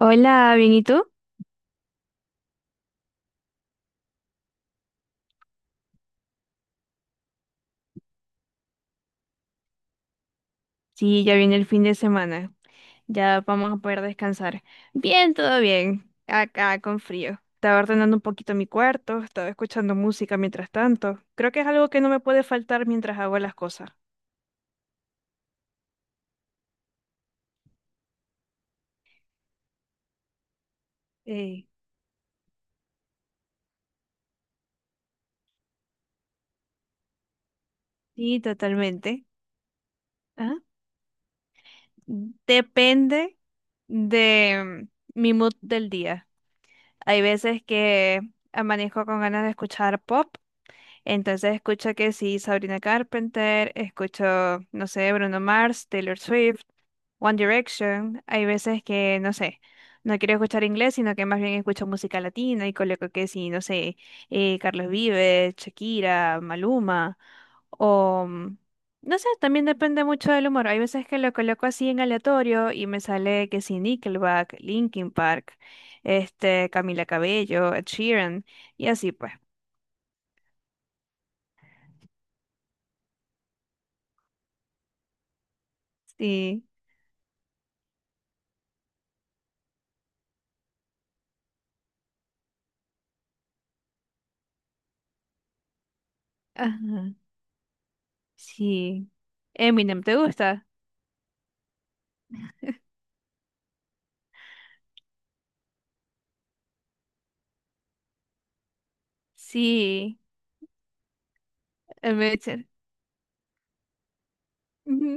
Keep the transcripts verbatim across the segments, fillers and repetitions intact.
Hola, ¿bien y tú? Sí, ya viene el fin de semana. Ya vamos a poder descansar. Bien, todo bien. Acá con frío. Estaba ordenando un poquito mi cuarto, estaba escuchando música mientras tanto. Creo que es algo que no me puede faltar mientras hago las cosas. Eh, sí, totalmente. Ah, Depende de mm, mi mood del día. Hay veces que amanezco con ganas de escuchar pop. Entonces escucho que sí, Sabrina Carpenter, escucho, no sé, Bruno Mars, Taylor Swift, One Direction. Hay veces que, no sé, no quiero escuchar inglés, sino que más bien escucho música latina y coloco que sí, no sé, eh, Carlos Vives, Shakira, Maluma, o mm, no sé, también depende mucho del humor. Hay veces que lo coloco así en aleatorio y me sale que sí, Nickelback, Linkin Park, este, Camila Cabello, Ed Sheeran, y así pues. Sí. Ajá. Sí. Eminem, ¿te gusta? Sí. El Meltzer. Ujú.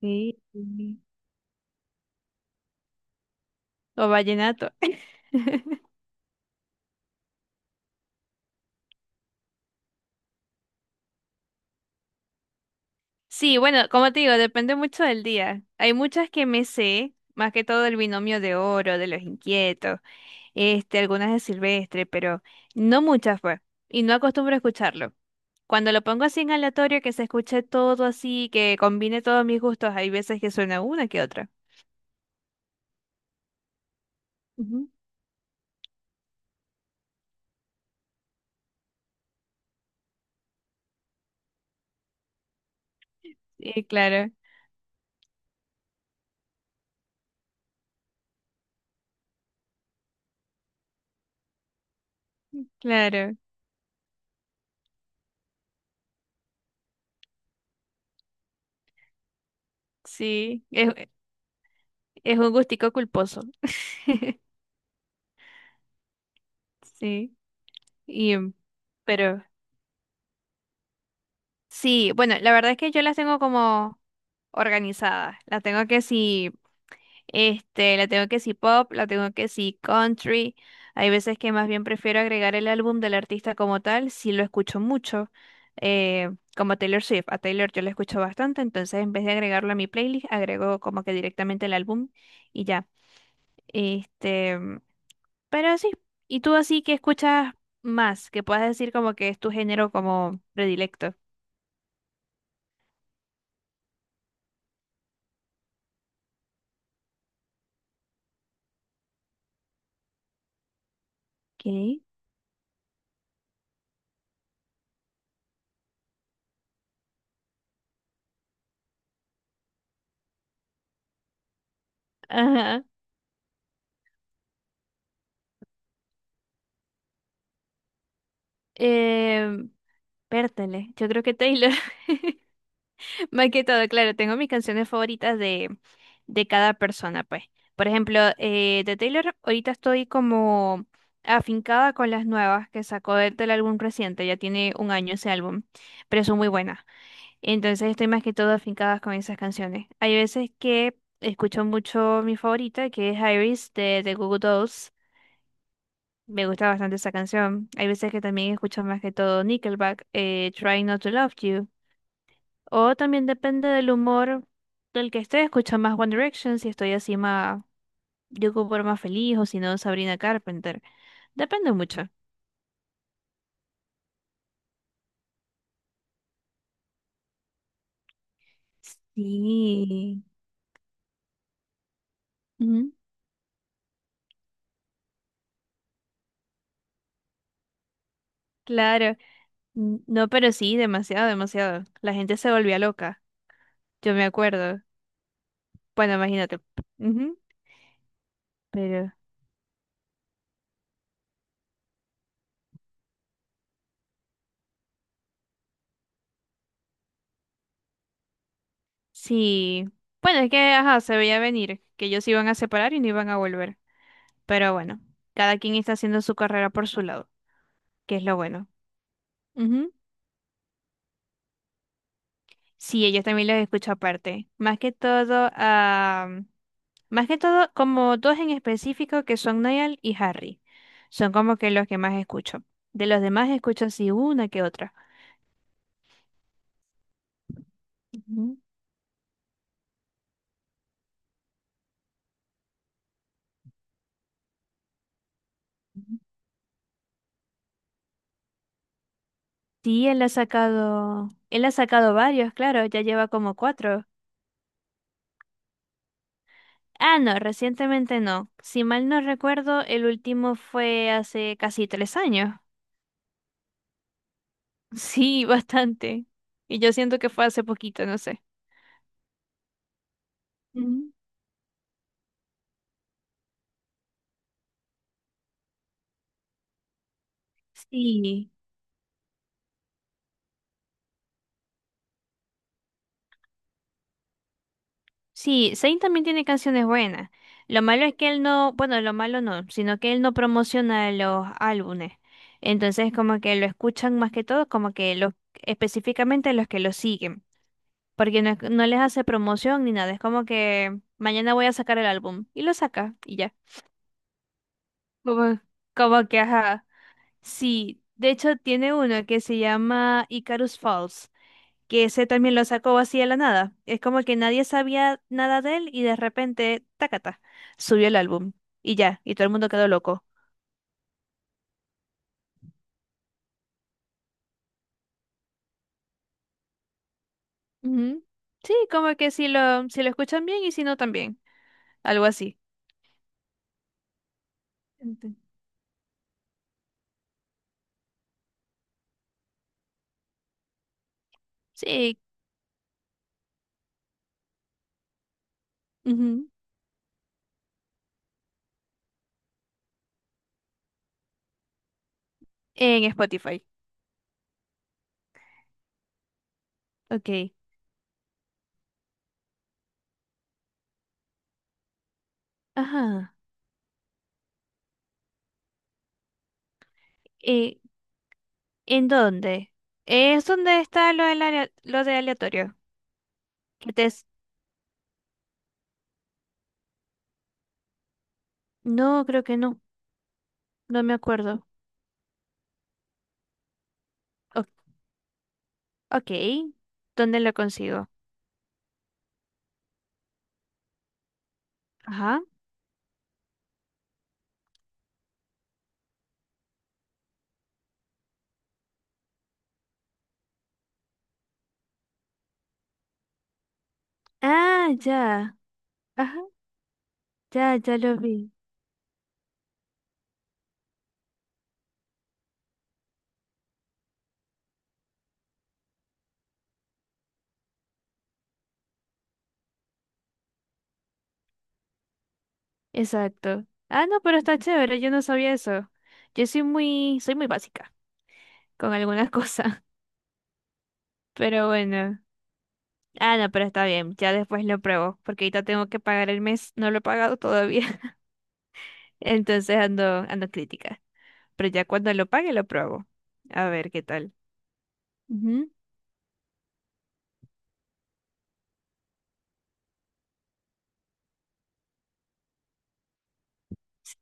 Sí. O vallenato. Sí, bueno, como te digo, depende mucho del día. Hay muchas que me sé, más que todo el binomio de oro, de los inquietos, este, algunas de Silvestre, pero no muchas pues, y no acostumbro a escucharlo. Cuando lo pongo así en aleatorio, que se escuche todo así, que combine todos mis gustos, hay veces que suena una que otra. Ujú. Sí, claro, claro, sí. Es, Es un gustico culposo. Sí. Y, em, pero sí, bueno, la verdad es que yo las tengo como organizadas. La tengo que si, este, la tengo que si pop, la tengo que si country. Hay veces que más bien prefiero agregar el álbum del artista como tal, si lo escucho mucho. eh, Como Taylor Swift, a Taylor yo la escucho bastante, entonces en vez de agregarlo a mi playlist, agrego como que directamente el álbum y ya. Este, Pero sí, ¿y tú así que escuchas más? Que puedas decir como que es tu género como predilecto. ¿Qué? Ajá. Eh, Pértale, yo creo que Taylor. Más que todo, claro, tengo mis canciones favoritas de, de cada persona, pues. Por ejemplo, eh, de Taylor, ahorita estoy como afincada con las nuevas que sacó del, del álbum reciente, ya tiene un año ese álbum, pero son muy buenas. Entonces estoy más que todo afincada con esas canciones. Hay veces que escucho mucho mi favorita, que es Iris de The Goo Goo Dolls. Me gusta bastante esa canción. Hay veces que también escucho más que todo Nickelback, eh, Trying Not to Love You. O también depende del humor del que esté, escucho más One Direction, si estoy así más, yo como por más feliz, o si no, Sabrina Carpenter. Depende mucho. Sí. Ujú, claro. N- No, pero sí, demasiado, demasiado. La gente se volvía loca. Yo me acuerdo. Bueno, imagínate. Ujú. Pero sí. Bueno, es que, ajá, se veía venir que ellos se iban a separar y no iban a volver. Pero bueno, cada quien está haciendo su carrera por su lado, que es lo bueno. Ujú. Sí, ellos también los escucho aparte. Más que todo, a... más que todo, como dos en específico que son Niall y Harry. Son como que los que más escucho. De los demás escucho así una que otra. Ujú. Sí, él ha sacado, él ha sacado varios, claro, ya lleva como cuatro. Ah, no, recientemente no. Si mal no recuerdo, el último fue hace casi tres años. Sí, bastante. Y yo siento que fue hace poquito, no sé. Ujú. Sí, sí, Zayn también tiene canciones buenas. Lo malo es que él no, bueno, lo malo no, sino que él no promociona los álbumes. Entonces, como que lo escuchan más que todo, como que los, específicamente los que lo siguen, porque no, es- no les hace promoción ni nada. Es como que mañana voy a sacar el álbum y lo saca y ya. Como, como que, ajá. Sí, de hecho tiene uno que se llama Icarus Falls, que ese también lo sacó así de la nada. Es como que nadie sabía nada de él y de repente, tacata, subió el álbum y ya, y todo el mundo quedó loco. Ujú. Sí, como que si lo, si lo escuchan bien y si no también, algo así. Ente- Sí, ujú, en Spotify. Ok. Ajá. Eh, ¿En dónde? Es donde está lo del alea- lo de aleatorio. Que te, No, creo que no. No me acuerdo. O- ok. ¿Dónde lo consigo? Ajá. Ah, ya. Ajá. Ya, ya lo vi. Exacto. Ah, no, pero está chévere. Yo no sabía eso. Yo soy muy, soy muy básica con algunas cosas. Pero bueno. Ah, no, pero está bien. Ya después lo pruebo. Porque ahorita tengo que pagar el mes. No lo he pagado todavía. Entonces ando, ando crítica. Pero ya cuando lo pague lo pruebo. A ver qué tal. Ujú.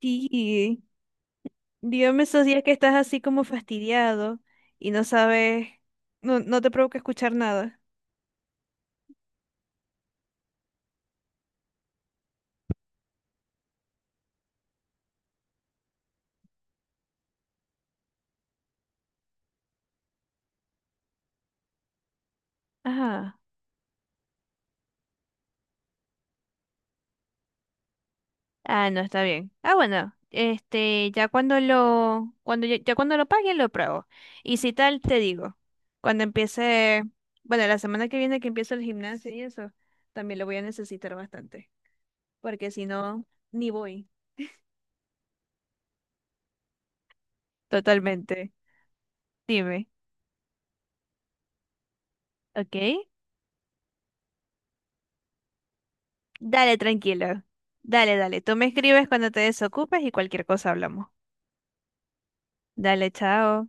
Sí. Dígame esos días que estás así como fastidiado y no sabes, no, no te provoca escuchar nada. Ajá. Ah, no, está bien. Ah, bueno, este, ya cuando lo, cuando ya, ya cuando lo paguen lo pruebo. Y si tal, te digo. Cuando empiece, bueno, la semana que viene que empiece el gimnasio y eso, también lo voy a necesitar bastante. Porque si no, ni voy. Totalmente. Dime. ¿Ok? Dale, tranquilo. Dale, dale. Tú me escribes cuando te desocupes y cualquier cosa hablamos. Dale, chao.